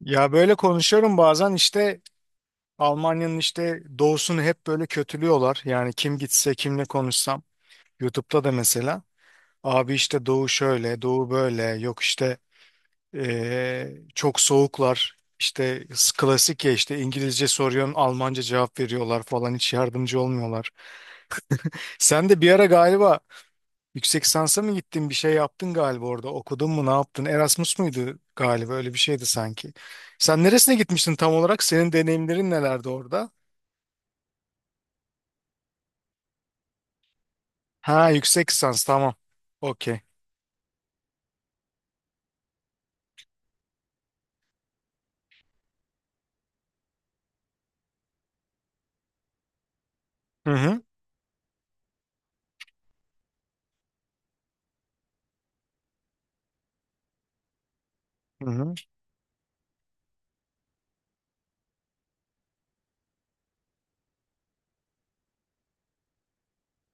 Ya böyle konuşuyorum bazen işte. Almanya'nın işte doğusunu hep böyle kötülüyorlar. Yani kim gitse kimle konuşsam YouTube'da da mesela abi işte doğu şöyle doğu böyle yok işte çok soğuklar işte klasik ya işte İngilizce soruyorsun Almanca cevap veriyorlar falan hiç yardımcı olmuyorlar. Sen de bir ara galiba yüksek lisansa mı gittin bir şey yaptın galiba orada okudun mu ne yaptın Erasmus muydu galiba öyle bir şeydi sanki. Sen neresine gitmiştin tam olarak senin deneyimlerin nelerdi orada? Ha yüksek lisans, tamam, okey. Hı hı, hı hı.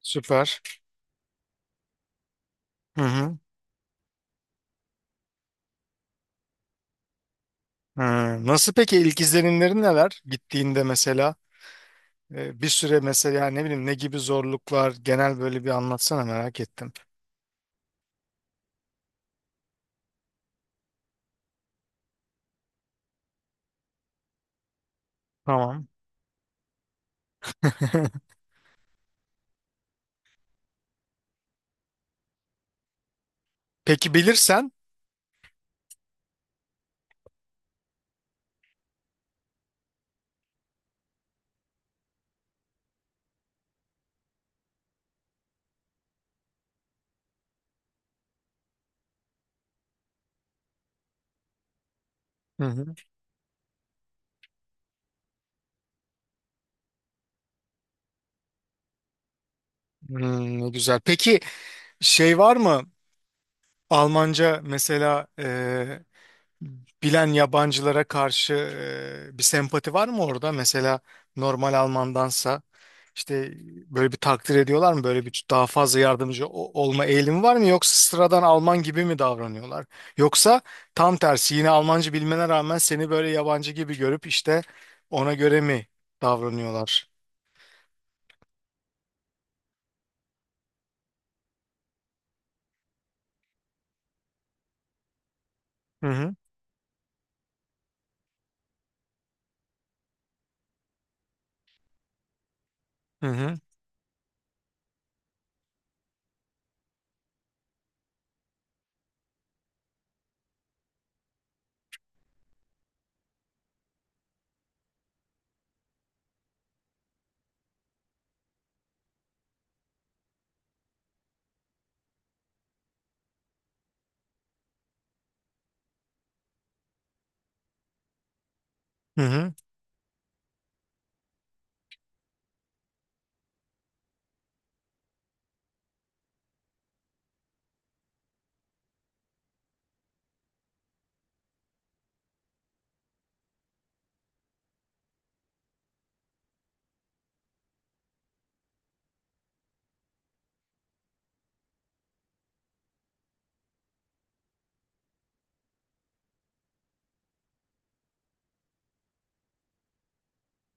Süper. Hı hı. Hı. Nasıl peki ilk izlenimlerin neler gittiğinde mesela bir süre mesela ne bileyim ne gibi zorluklar genel böyle bir anlatsana merak ettim. Tamam. Peki bilirsen. Hı hı. Hmm, ne güzel. Peki şey var mı? Almanca mesela bilen yabancılara karşı bir sempati var mı orada? Mesela normal Almandansa işte böyle bir takdir ediyorlar mı? Böyle bir daha fazla yardımcı olma eğilimi var mı? Yoksa sıradan Alman gibi mi davranıyorlar? Yoksa tam tersi yine Almanca bilmene rağmen seni böyle yabancı gibi görüp işte ona göre mi davranıyorlar? Hı hı. Hı hı. Hı hı.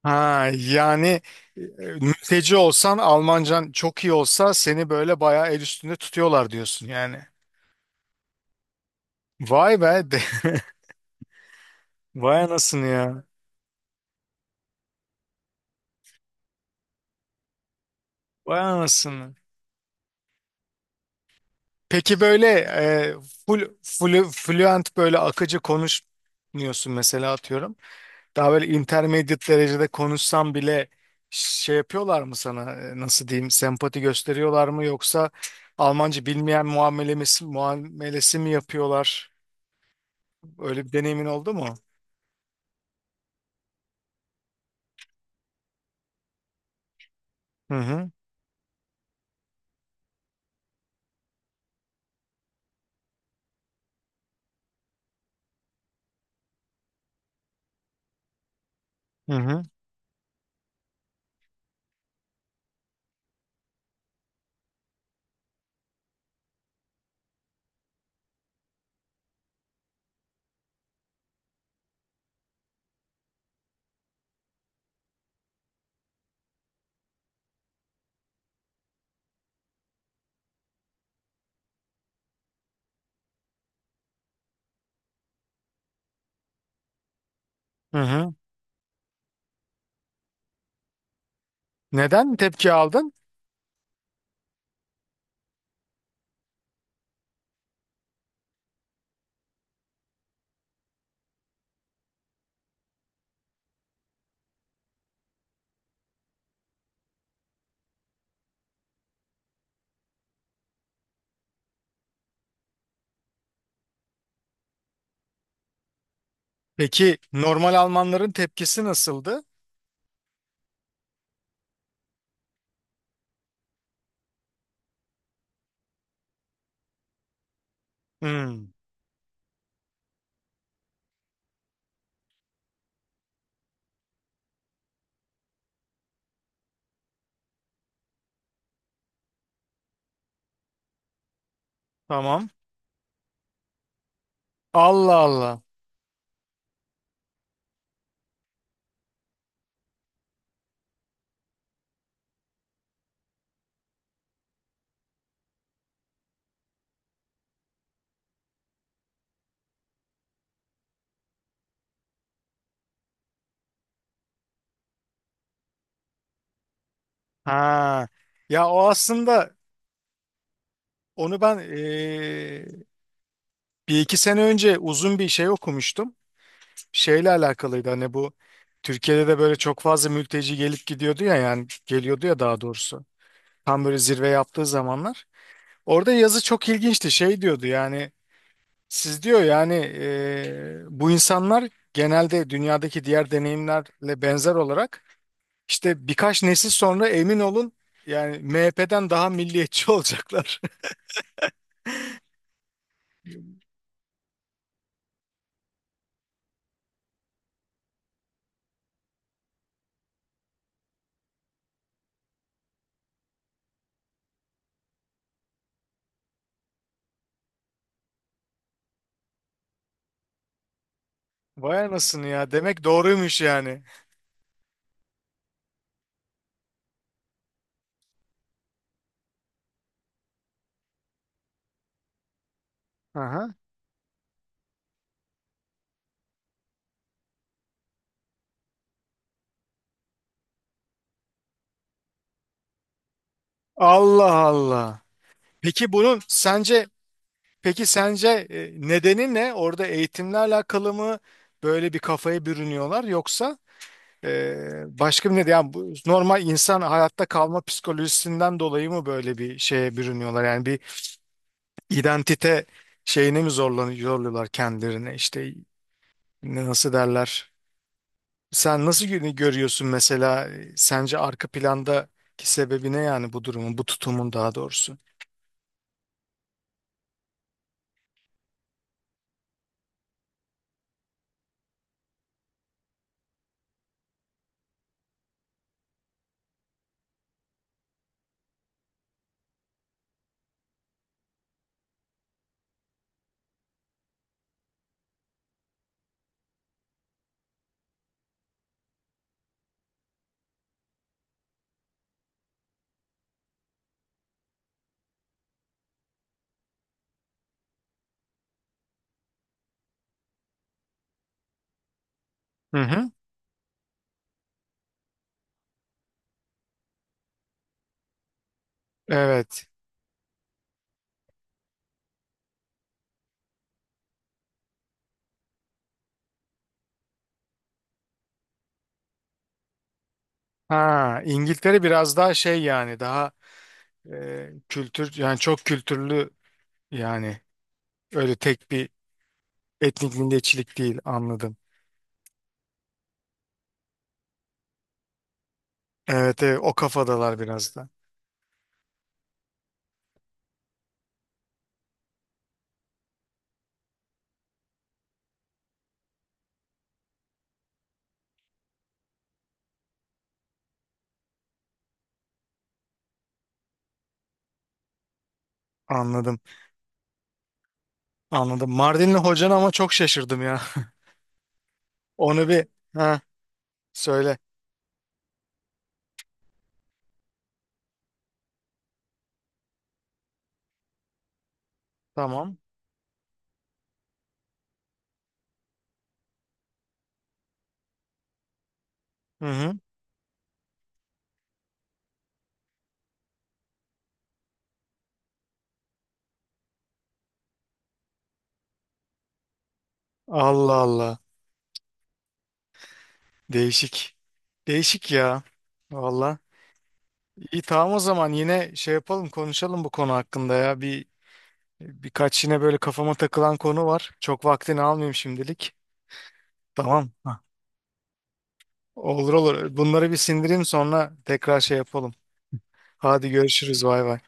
Ha yani e, e, mülteci olsan Almancan çok iyi olsa seni böyle bayağı el üstünde tutuyorlar diyorsun yani. Vay be. Vay anasını ya. Vay anasını. Peki böyle full, full, fluent böyle akıcı konuşmuyorsun mesela atıyorum. Daha böyle intermediate derecede konuşsan bile şey yapıyorlar mı sana, nasıl diyeyim, sempati gösteriyorlar mı yoksa Almanca bilmeyen muamelesi mi yapıyorlar? Öyle bir deneyimin oldu mu? Hı hı, hı hı, hı hı. Neden tepki aldın? Peki normal Almanların tepkisi nasıldı? Hı. Tamam. Allah Allah. Ha. Ya o aslında onu ben bir iki sene önce uzun bir şey okumuştum. Şeyle alakalıydı hani bu Türkiye'de de böyle çok fazla mülteci gelip gidiyordu ya, yani geliyordu ya daha doğrusu. Tam böyle zirve yaptığı zamanlar. Orada yazı çok ilginçti. Şey diyordu yani, siz diyor yani, bu insanlar genelde dünyadaki diğer deneyimlerle benzer olarak İşte birkaç nesil sonra emin olun yani MHP'den daha milliyetçi olacaklar. Vay anasını ya, demek doğruymuş yani. Aha. Allah Allah. Peki bunun sence peki sence nedeni ne? Orada eğitimle alakalı mı böyle bir kafaya bürünüyorlar, yoksa e, başka bir neden? Yani bu normal insan hayatta kalma psikolojisinden dolayı mı böyle bir şeye bürünüyorlar? Yani bir identite şeyine mi zorluyorlar kendilerine işte nasıl derler? Sen nasıl görüyorsun mesela, sence arka plandaki sebebi ne yani bu bu tutumun daha doğrusu? Hı hı. Evet. Ha, İngiltere biraz daha şey yani daha kültür yani çok kültürlü yani, öyle tek bir etnik milliyetçilik değil, anladım. Evet, evet, o kafadalar biraz da. Anladım. Anladım. Mardinli hocan ama, çok şaşırdım ya. Onu bir, ha, söyle. Tamam. Hı hı. Allah Allah. Değişik. Değişik ya. Valla. İyi tamam, o zaman yine şey yapalım, konuşalım bu konu hakkında ya. Birkaç yine böyle kafama takılan konu var. Çok vaktini almayayım şimdilik. Tamam. Hah. Olur olur. Bunları bir sindireyim, sonra tekrar şey yapalım. Hadi görüşürüz. Bay bay.